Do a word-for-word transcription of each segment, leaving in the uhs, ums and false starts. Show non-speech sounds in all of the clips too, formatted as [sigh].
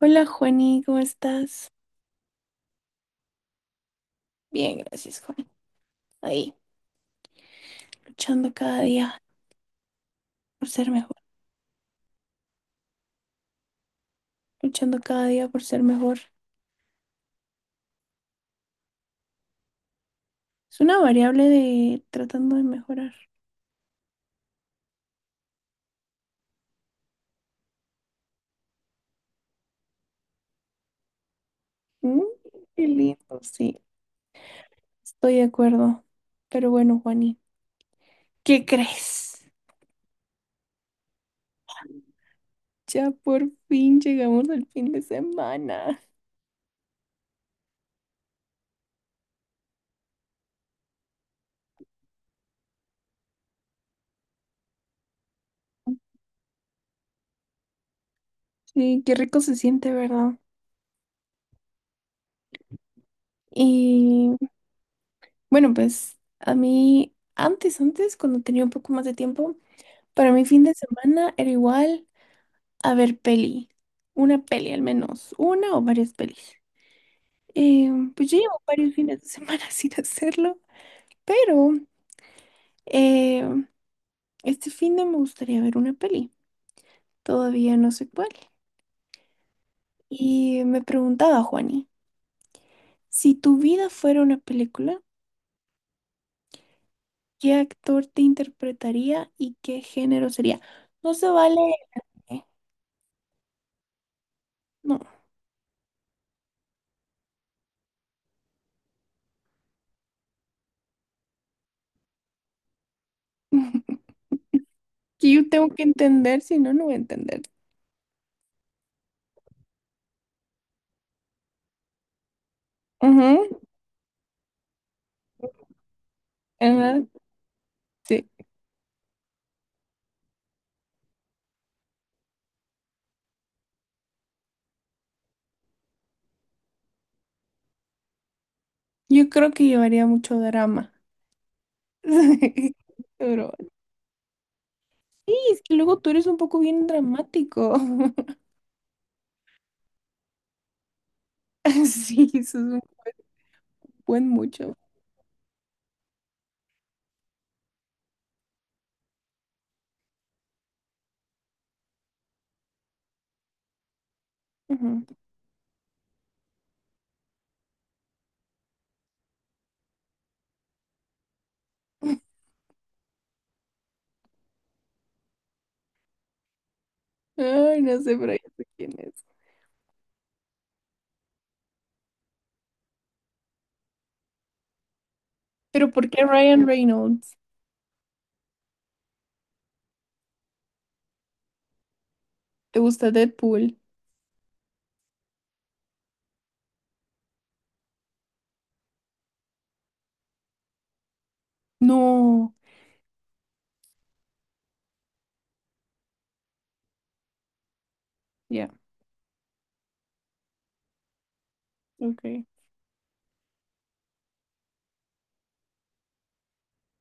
Hola, Juani, ¿cómo estás? Bien, gracias, Juan. Ahí. Luchando cada día por ser mejor, luchando cada día por ser mejor. Es una variable de tratando de mejorar. Mm, qué lindo, sí, estoy de acuerdo. Pero bueno, Juani, ¿qué crees? Ya por fin llegamos al fin de semana. Sí, qué rico se siente, ¿verdad? Y bueno, pues a mí, antes, antes, cuando tenía un poco más de tiempo, para mí fin de semana era igual. A ver, peli. Una peli al menos. Una o varias pelis. Eh, pues yo llevo varios fines de semana [laughs] sin hacerlo, pero eh, este fin de me gustaría ver una peli. Todavía no sé cuál. Y me preguntaba, Juani, si tu vida fuera una película, ¿qué actor te interpretaría y qué género sería? No se vale. eh, No. [laughs] Que yo tengo que entender, si no, no voy a entender. Ujú, ajá, sí. Yo creo que llevaría mucho drama. [laughs] Sí, pero sí, es que luego tú eres un poco bien dramático. [laughs] Sí, eso es un buen mucho. Ujú. Ay, no sé, pero ya sé quién es. Pero ¿por qué Ryan Reynolds? ¿Te gusta Deadpool? No. Ya, ok.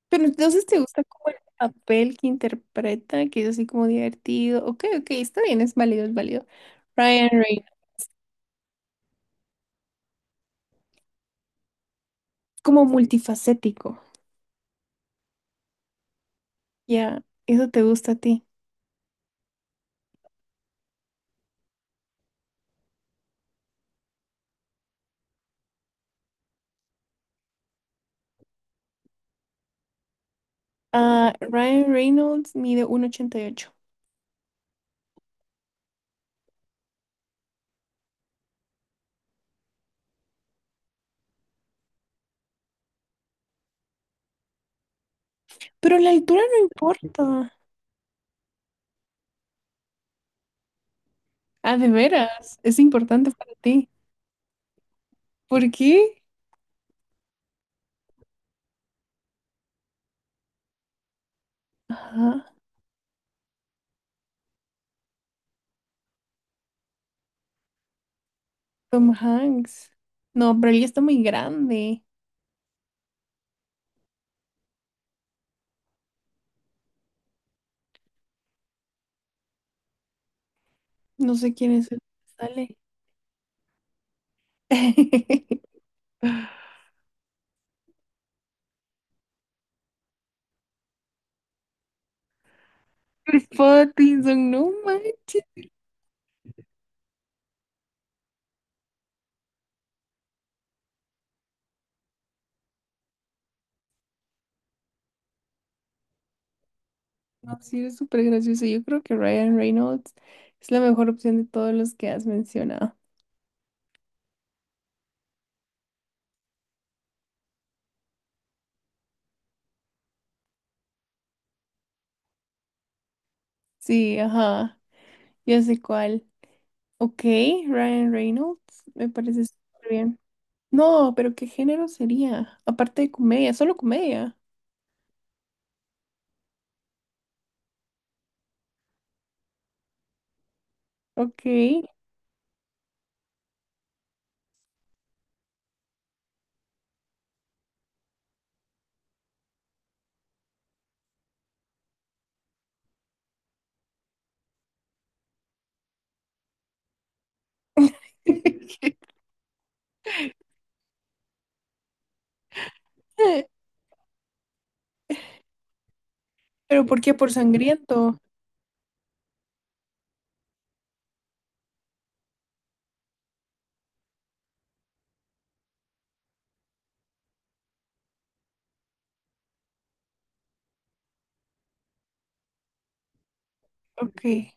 Pero entonces te gusta como el papel que interpreta, que es así como divertido. Ok, ok, está bien, es válido, es válido. Ryan Reynolds, como multifacético. Ya, eso te gusta a ti. Ah, Ryan Reynolds mide uno ochenta y ocho. Pero la altura no importa. Ah, de veras, es importante para ti. ¿Por qué? Ajá, Tom Hanks. No, pero él ya está muy grande. No sé quién es el que sale. [laughs] Chris Pattinson, no man. No, sí, es súper gracioso. Yo creo que Ryan Reynolds es la mejor opción de todos los que has mencionado. Sí, ajá, ya sé cuál. Ok, Ryan Reynolds, me parece súper bien. No, pero ¿qué género sería? Aparte de comedia, solo comedia. Ok. [laughs] ¿Pero por qué? Por sangriento. Ok.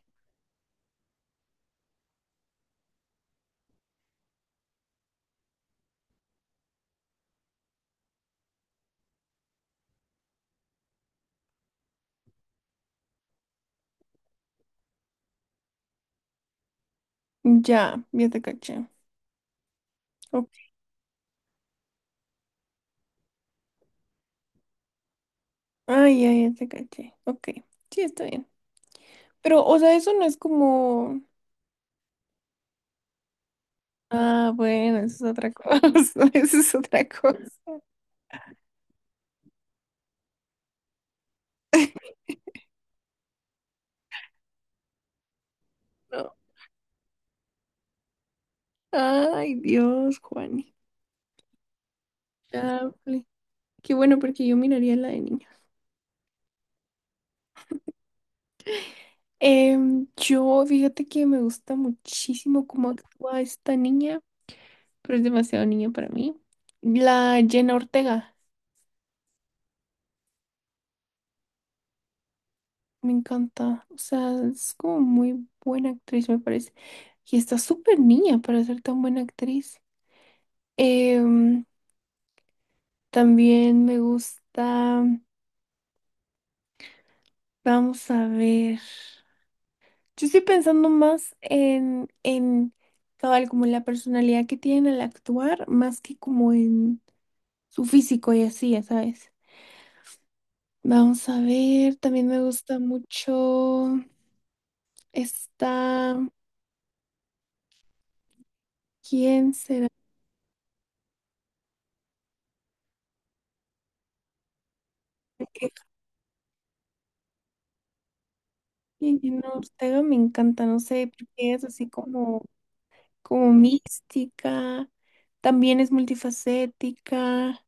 Ya, ya te caché. Ok. Ay, ya, ya te caché. Ok. Sí, está bien. Pero, o sea, eso no es como. Ah, bueno, eso es otra cosa. [laughs] Eso es otra cosa. [laughs] No. Ay, Dios, Juani. Chale. Qué bueno, porque yo miraría la de niña. Em, yo, fíjate que me gusta muchísimo cómo actúa esta niña, pero es demasiado niño para mí. La Jenna Ortega, me encanta. O sea, es como muy buena actriz, me parece. Y está súper niña para ser tan buena actriz. Em, también me gusta. Vamos a ver. Yo estoy pensando más en, en cabal, como la personalidad que tienen al actuar, más que como en su físico y así, ya sabes. Vamos a ver, también me gusta mucho esta. ¿Quién será? Porque Jenna Ortega me encanta, no sé, porque es así como, como mística, también es multifacética,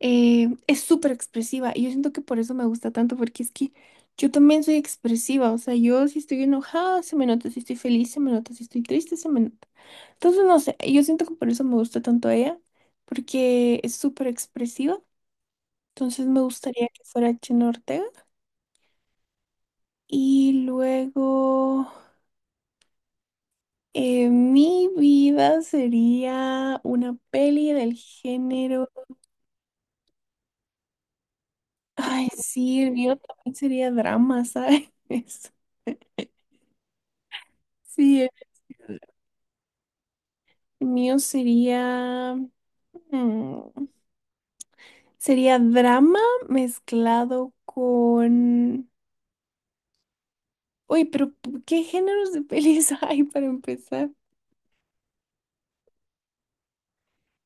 eh, es súper expresiva y yo siento que por eso me gusta tanto, porque es que yo también soy expresiva, o sea, yo si estoy enojada se me nota, si estoy feliz se me nota, si estoy triste se me nota. Entonces, no sé, yo siento que por eso me gusta tanto ella, porque es súper expresiva, entonces me gustaría que fuera Jenna Ortega y luego... Eh, mi vida sería una peli del género. Ay, sí, el mío también sería drama, ¿sabes? [laughs] Sí, el mío sería. mm, sería drama mezclado con. Uy, pero ¿qué géneros de pelis [laughs] hay para empezar?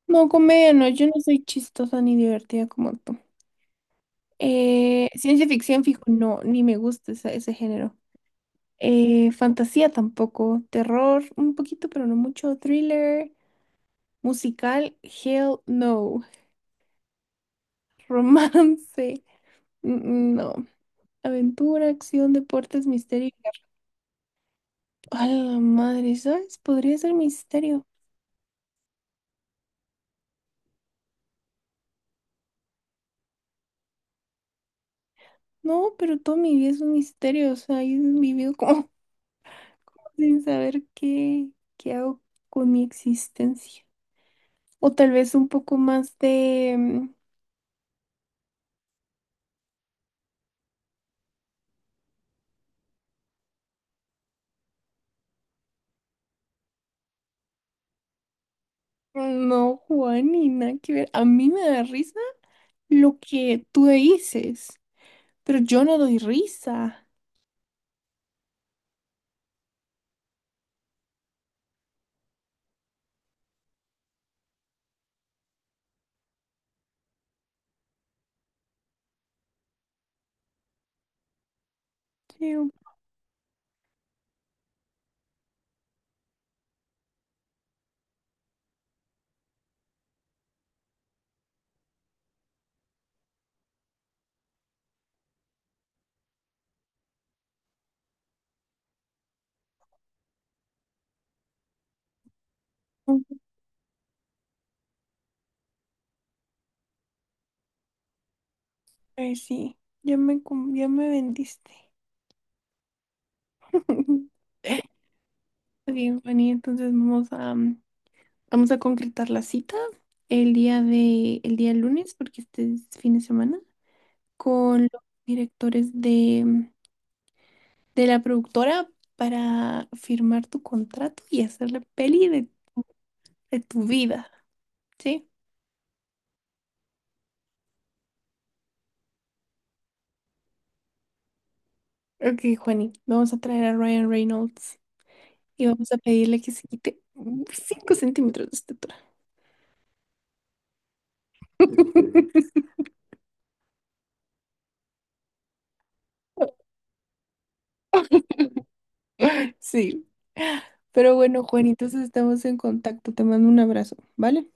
No, comedia, no, yo no soy chistosa ni divertida como tú. Eh, ciencia ficción, fijo, no, ni me gusta esa- ese género. Eh, fantasía tampoco, terror un poquito, pero no mucho, thriller, musical, hell no, [laughs] romance, mm, mm, no, aventura, acción, deportes, misterio. Y a la madre, ¿sabes? Podría ser misterio. No, pero toda mi vida es un misterio, o sea, he vivido como [laughs] sin saber qué, qué hago con mi existencia. O tal vez un poco más de... mm, No, Juan, ni nada que ver. A mí me da risa lo que tú dices, pero yo no doy risa. Sí, un poco, pues sí, ya me, cum- ya me vendiste. [laughs] Está bien, Fanny, entonces vamos a, mm, vamos a concretar la cita el día de, el día lunes, porque este es fin de semana, con los directores de, mm, de la productora para firmar tu contrato y hacer la peli de, de tu vida, ¿sí? Ok, Juani, vamos a traer a Ryan Reynolds. Y vamos a pedirle que se quite cinco centímetros de estatura. [laughs] Sí. Pero bueno, Juan, entonces estamos en contacto. Te mando un abrazo, ¿vale?